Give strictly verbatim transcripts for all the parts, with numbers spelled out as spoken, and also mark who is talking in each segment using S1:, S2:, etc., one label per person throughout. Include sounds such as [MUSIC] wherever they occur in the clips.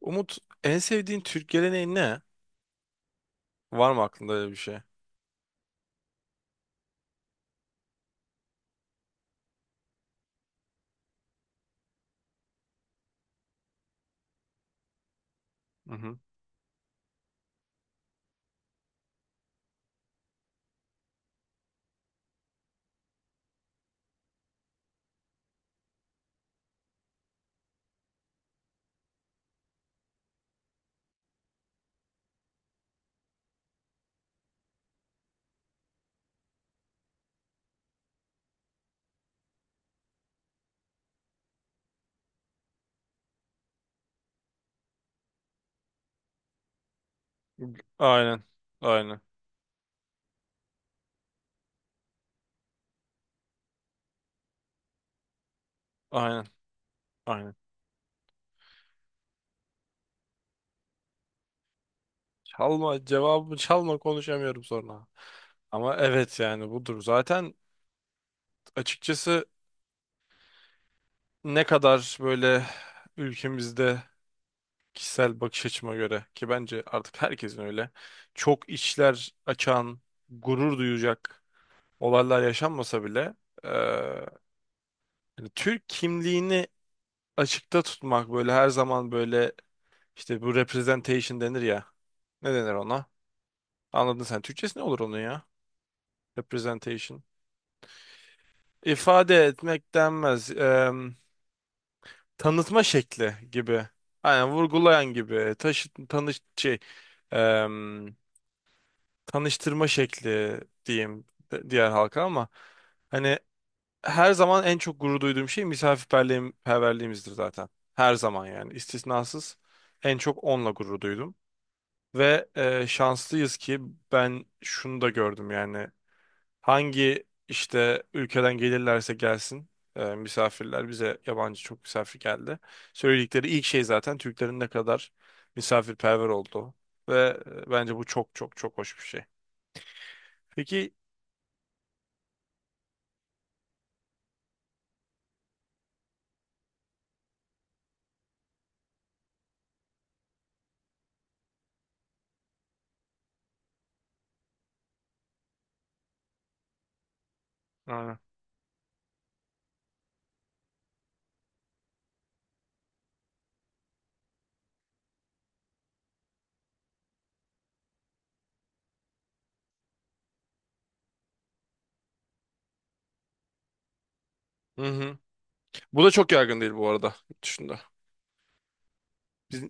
S1: Umut, en sevdiğin Türk geleneği ne? Var mı aklında öyle bir şey? Hı hı. Aynen. Aynen. Aynen. Aynen. Çalma cevabımı, çalma, konuşamıyorum sonra. Ama evet yani budur. Zaten açıkçası ne kadar böyle ülkemizde, kişisel bakış açıma göre ki bence artık herkesin öyle, çok içler açan, gurur duyacak olaylar yaşanmasa bile, eee, hani Türk kimliğini açıkta tutmak böyle her zaman böyle. İşte bu representation denir ya. Ne denir ona? Anladın sen. Türkçesi ne olur onun ya? Representation. İfade etmek denmez. Eee, tanıtma şekli gibi. Aynen, vurgulayan gibi. Taşı, tanış, şey, eee, tanıştırma şekli diyeyim di- diğer halka, ama hani her zaman en çok gurur duyduğum şey misafirperverliğim, perverliğimizdir zaten. Her zaman, yani istisnasız, en çok onunla gurur duydum. Ve e, şanslıyız ki, ben şunu da gördüm yani, hangi işte ülkeden gelirlerse gelsin e, misafirler, bize yabancı çok misafir geldi. Söyledikleri ilk şey zaten Türklerin ne kadar misafirperver olduğu. Ve e, bence bu çok çok çok hoş bir şey. Peki, aynen. Hı hı. Bu da çok yaygın değil bu arada, yurt dışında. Biz,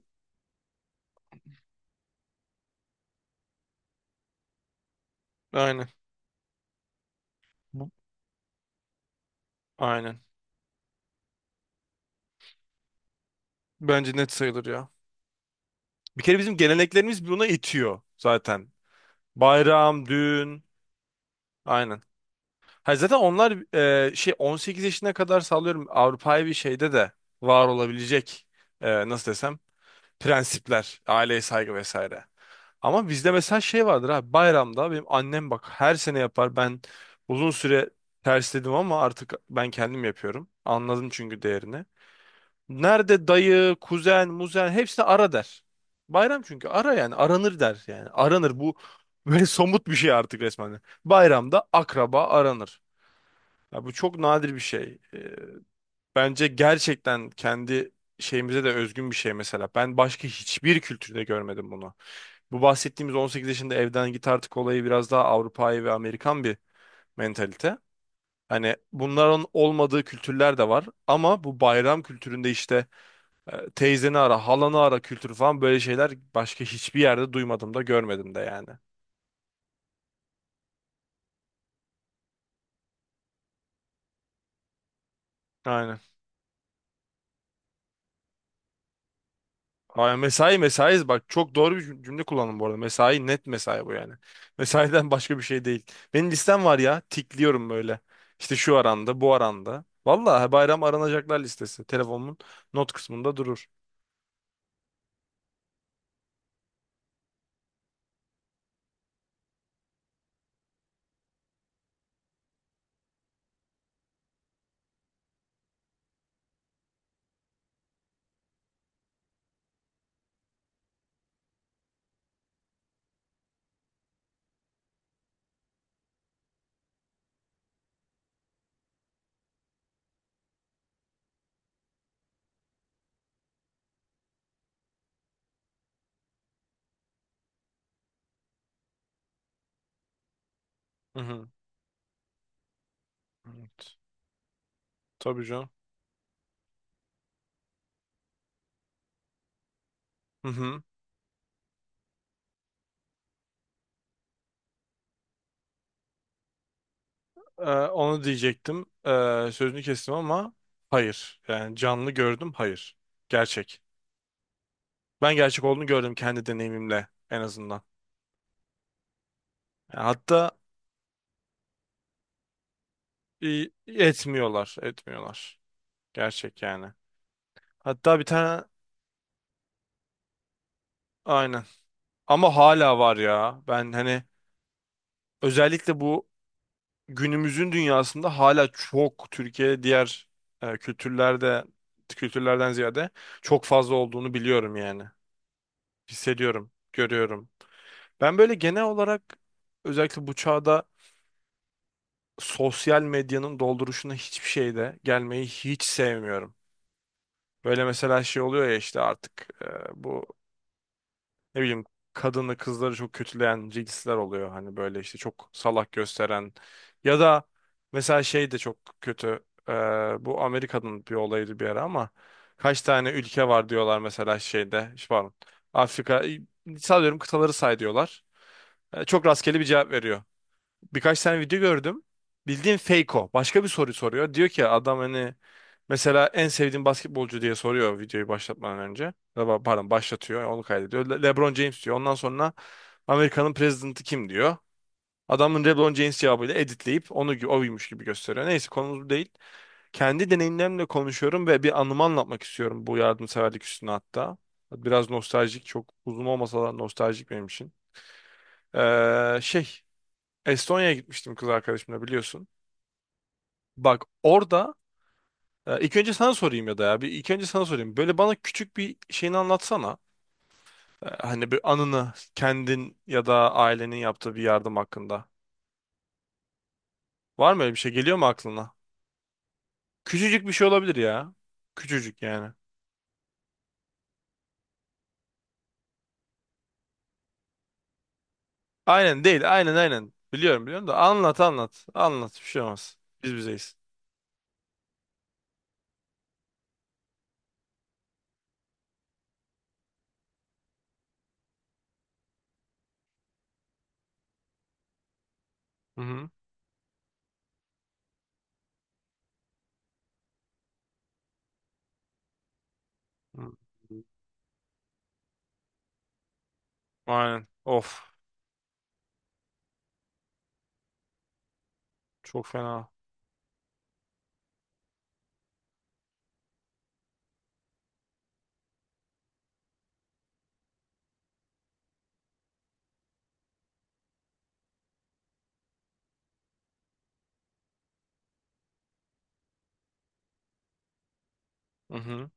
S1: aynen. Bu- Aynen. Bence net sayılır ya. Bir kere bizim geleneklerimiz buna itiyor zaten. Bayram, düğün. Aynen. Ha, zaten onlar, e, şey, on sekiz yaşına kadar sağlıyorum Avrupa'yı, bir şeyde de var olabilecek, e, nasıl desem, prensipler, aileye saygı vesaire. Ama bizde mesela şey vardır abi, bayramda benim annem bak her sene yapar, ben uzun süre tersledim ama artık ben kendim yapıyorum. Anladım çünkü değerini. Nerede dayı, kuzen, muzen, hepsini ara der. Bayram çünkü ara, yani aranır der, yani aranır bu [LAUGHS] böyle, somut bir şey artık resmen. Bayramda akraba aranır. Ya bu çok nadir bir şey. Ee, bence gerçekten kendi şeyimize de özgün bir şey mesela. Ben başka hiçbir kültürde görmedim bunu. Bu bahsettiğimiz on sekiz yaşında evden git artık olayı, biraz daha Avrupa'yı ve Amerikan bir mentalite. Hani bunların olmadığı kültürler de var, ama bu bayram kültüründe işte, e, teyzeni ara, halanı ara kültürü falan, böyle şeyler başka hiçbir yerde duymadım da görmedim de yani. Aynen. Ay, mesai mesai, bak çok doğru bir cüm- cümle kullandım bu arada. Mesai, net mesai bu yani. [LAUGHS] Mesaiden başka bir şey değil. Benim listem var ya, tikliyorum böyle. İşte şu aranda, bu aranda. Vallahi, bayram aranacaklar listesi. Telefonumun not kısmında durur. Hı hı. Evet. Tabii canım. Hı hı. Ee, onu diyecektim. Ee, sözünü kestim ama hayır. Yani canlı gördüm, hayır. Gerçek. Ben gerçek olduğunu gördüm, kendi deneyimimle en azından. Yani hatta, e, etmiyorlar, etmiyorlar. Gerçek yani. Hatta bir tane, aynen. Ama hala var ya. Ben hani, özellikle bu günümüzün dünyasında hala çok Türkiye diğer e, kültürlerde kültürlerden ziyade çok fazla olduğunu biliyorum yani. Hissediyorum, görüyorum. Ben böyle genel olarak, özellikle bu çağda, sosyal medyanın dolduruşuna hiçbir şeyde gelmeyi hiç sevmiyorum. Böyle mesela şey oluyor ya, işte artık e, bu, ne bileyim, kadını kızları çok kötüleyen reels'ler oluyor. Hani böyle işte çok salak gösteren, ya da mesela şey de çok kötü. Ee, bu Amerika'nın bir olayıydı bir ara, ama kaç tane ülke var diyorlar mesela şeyde. İşte pardon. Afrika, sallıyorum, kıtaları say diyorlar. Ee, çok rastgele bir cevap veriyor. Birkaç tane video gördüm. Bildiğin fake o. Başka bir soru soruyor. Diyor ki adam hani, mesela en sevdiğin basketbolcu diye soruyor videoyu başlatmadan önce. Ama, pardon, başlatıyor. Onu kaydediyor. Le- LeBron James diyor. Ondan sonra Amerika'nın prezidenti kim diyor. Adamın LeBron James cevabıyla editleyip onu gi- oymuş gibi gösteriyor. Neyse, konumuz bu değil. Kendi deneyimlerimle konuşuyorum ve bir anımı anlatmak istiyorum bu yardımseverlik üstüne hatta. Biraz nostaljik, çok uzun olmasa da nostaljik benim için. Ee, şey, Estonya'ya gitmiştim kız arkadaşımla, biliyorsun. Bak orada, e, ilk önce sana sorayım, ya da ya bir ilk önce sana sorayım. Böyle bana küçük bir şeyini anlatsana. E, Hani bir anını, kendin ya da ailenin yaptığı bir yardım hakkında. Var mı öyle bir şey? Geliyor mu aklına? Küçücük bir şey olabilir ya. Küçücük yani. Aynen değil. Aynen, aynen. Biliyorum, biliyorum, da anlat, anlat. Anlat, bir şey olmaz. Biz bizeyiz. Hı hı. Hı. Aynen. Of. Çok fena. Hı hı.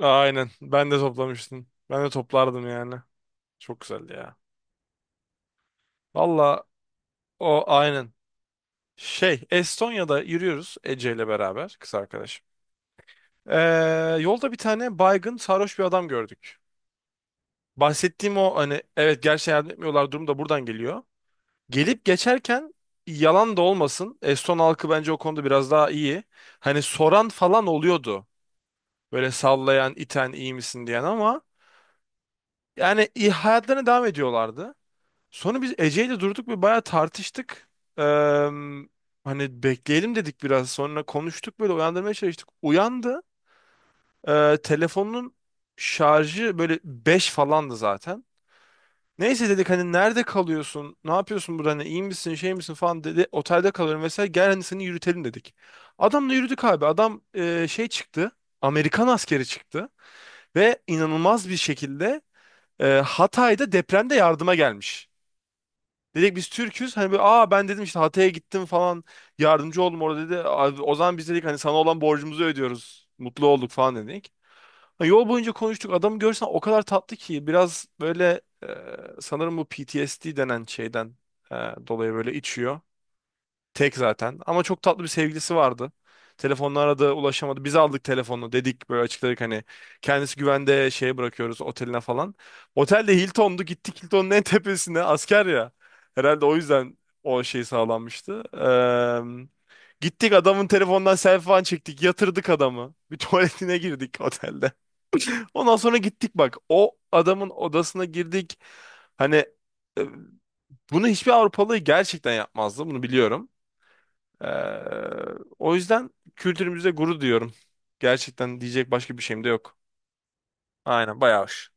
S1: Aynen. Ben de toplamıştım. Ben de toplardım yani. Çok güzeldi ya. Valla, o aynen. Şey, Estonya'da yürüyoruz Ece ile beraber, kız arkadaşım. Ee, yolda bir tane baygın sarhoş bir adam gördük. Bahsettiğim o, hani evet, gerçi yardım etmiyorlar durum da buradan geliyor. Gelip geçerken, yalan da olmasın, Eston halkı bence o konuda biraz daha iyi. Hani soran falan oluyordu. Böyle sallayan, iten, iyi misin diyen, ama yani iyi, hayatlarına devam ediyorlardı. Sonra biz Ece'yle durduk ve bayağı tartıştık. Eee, hani bekleyelim dedik biraz. Sonra konuştuk, böyle uyandırmaya çalıştık. Uyandı. Eee, telefonun şarjı böyle beş falandı zaten. Neyse dedik, hani nerede kalıyorsun? Ne yapıyorsun burada? Hani iyi misin, şey misin falan dedi. Otelde kalıyorum vesaire. Gel hani, seni yürütelim dedik. Adamla yürüdük abi. Adam eee, şey çıktı. Amerikan askeri çıktı. Ve inanılmaz bir şekilde, eee Hatay'da depremde yardıma gelmiş. Dedik biz Türk'üz. Hani böyle, aa, ben dedim, işte Hatay'a gittim falan. Yardımcı oldum orada dedi. Abi, o zaman biz dedik hani, sana olan borcumuzu ödüyoruz, mutlu olduk falan dedik. Ha, yol boyunca konuştuk. Adamı görsen o kadar tatlı ki, biraz böyle, e, sanırım bu P T S D denen şeyden e, dolayı böyle içiyor. Tek zaten. Ama çok tatlı bir sevgilisi vardı. Telefonla aradı, ulaşamadı. Biz aldık telefonu. Dedik, böyle açıkladık, hani kendisi güvende, şeye bırakıyoruz oteline falan. Otel de Hilton'du. Gittik Hilton'un en [LAUGHS] tepesine. Asker ya. Herhalde o yüzden o şey sağlanmıştı. Eee, gittik adamın telefonundan selfie falan çektik. Yatırdık adamı. Bir [LAUGHS] tuvaletine girdik otelde. Ondan sonra gittik bak, o adamın odasına girdik. Hani e, bunu hiçbir Avrupalı gerçekten yapmazdı. Bunu biliyorum. Ee, o yüzden kültürümüzde gurur duyuyorum. Gerçekten diyecek başka bir şeyim de yok. Aynen, bayağı hoş.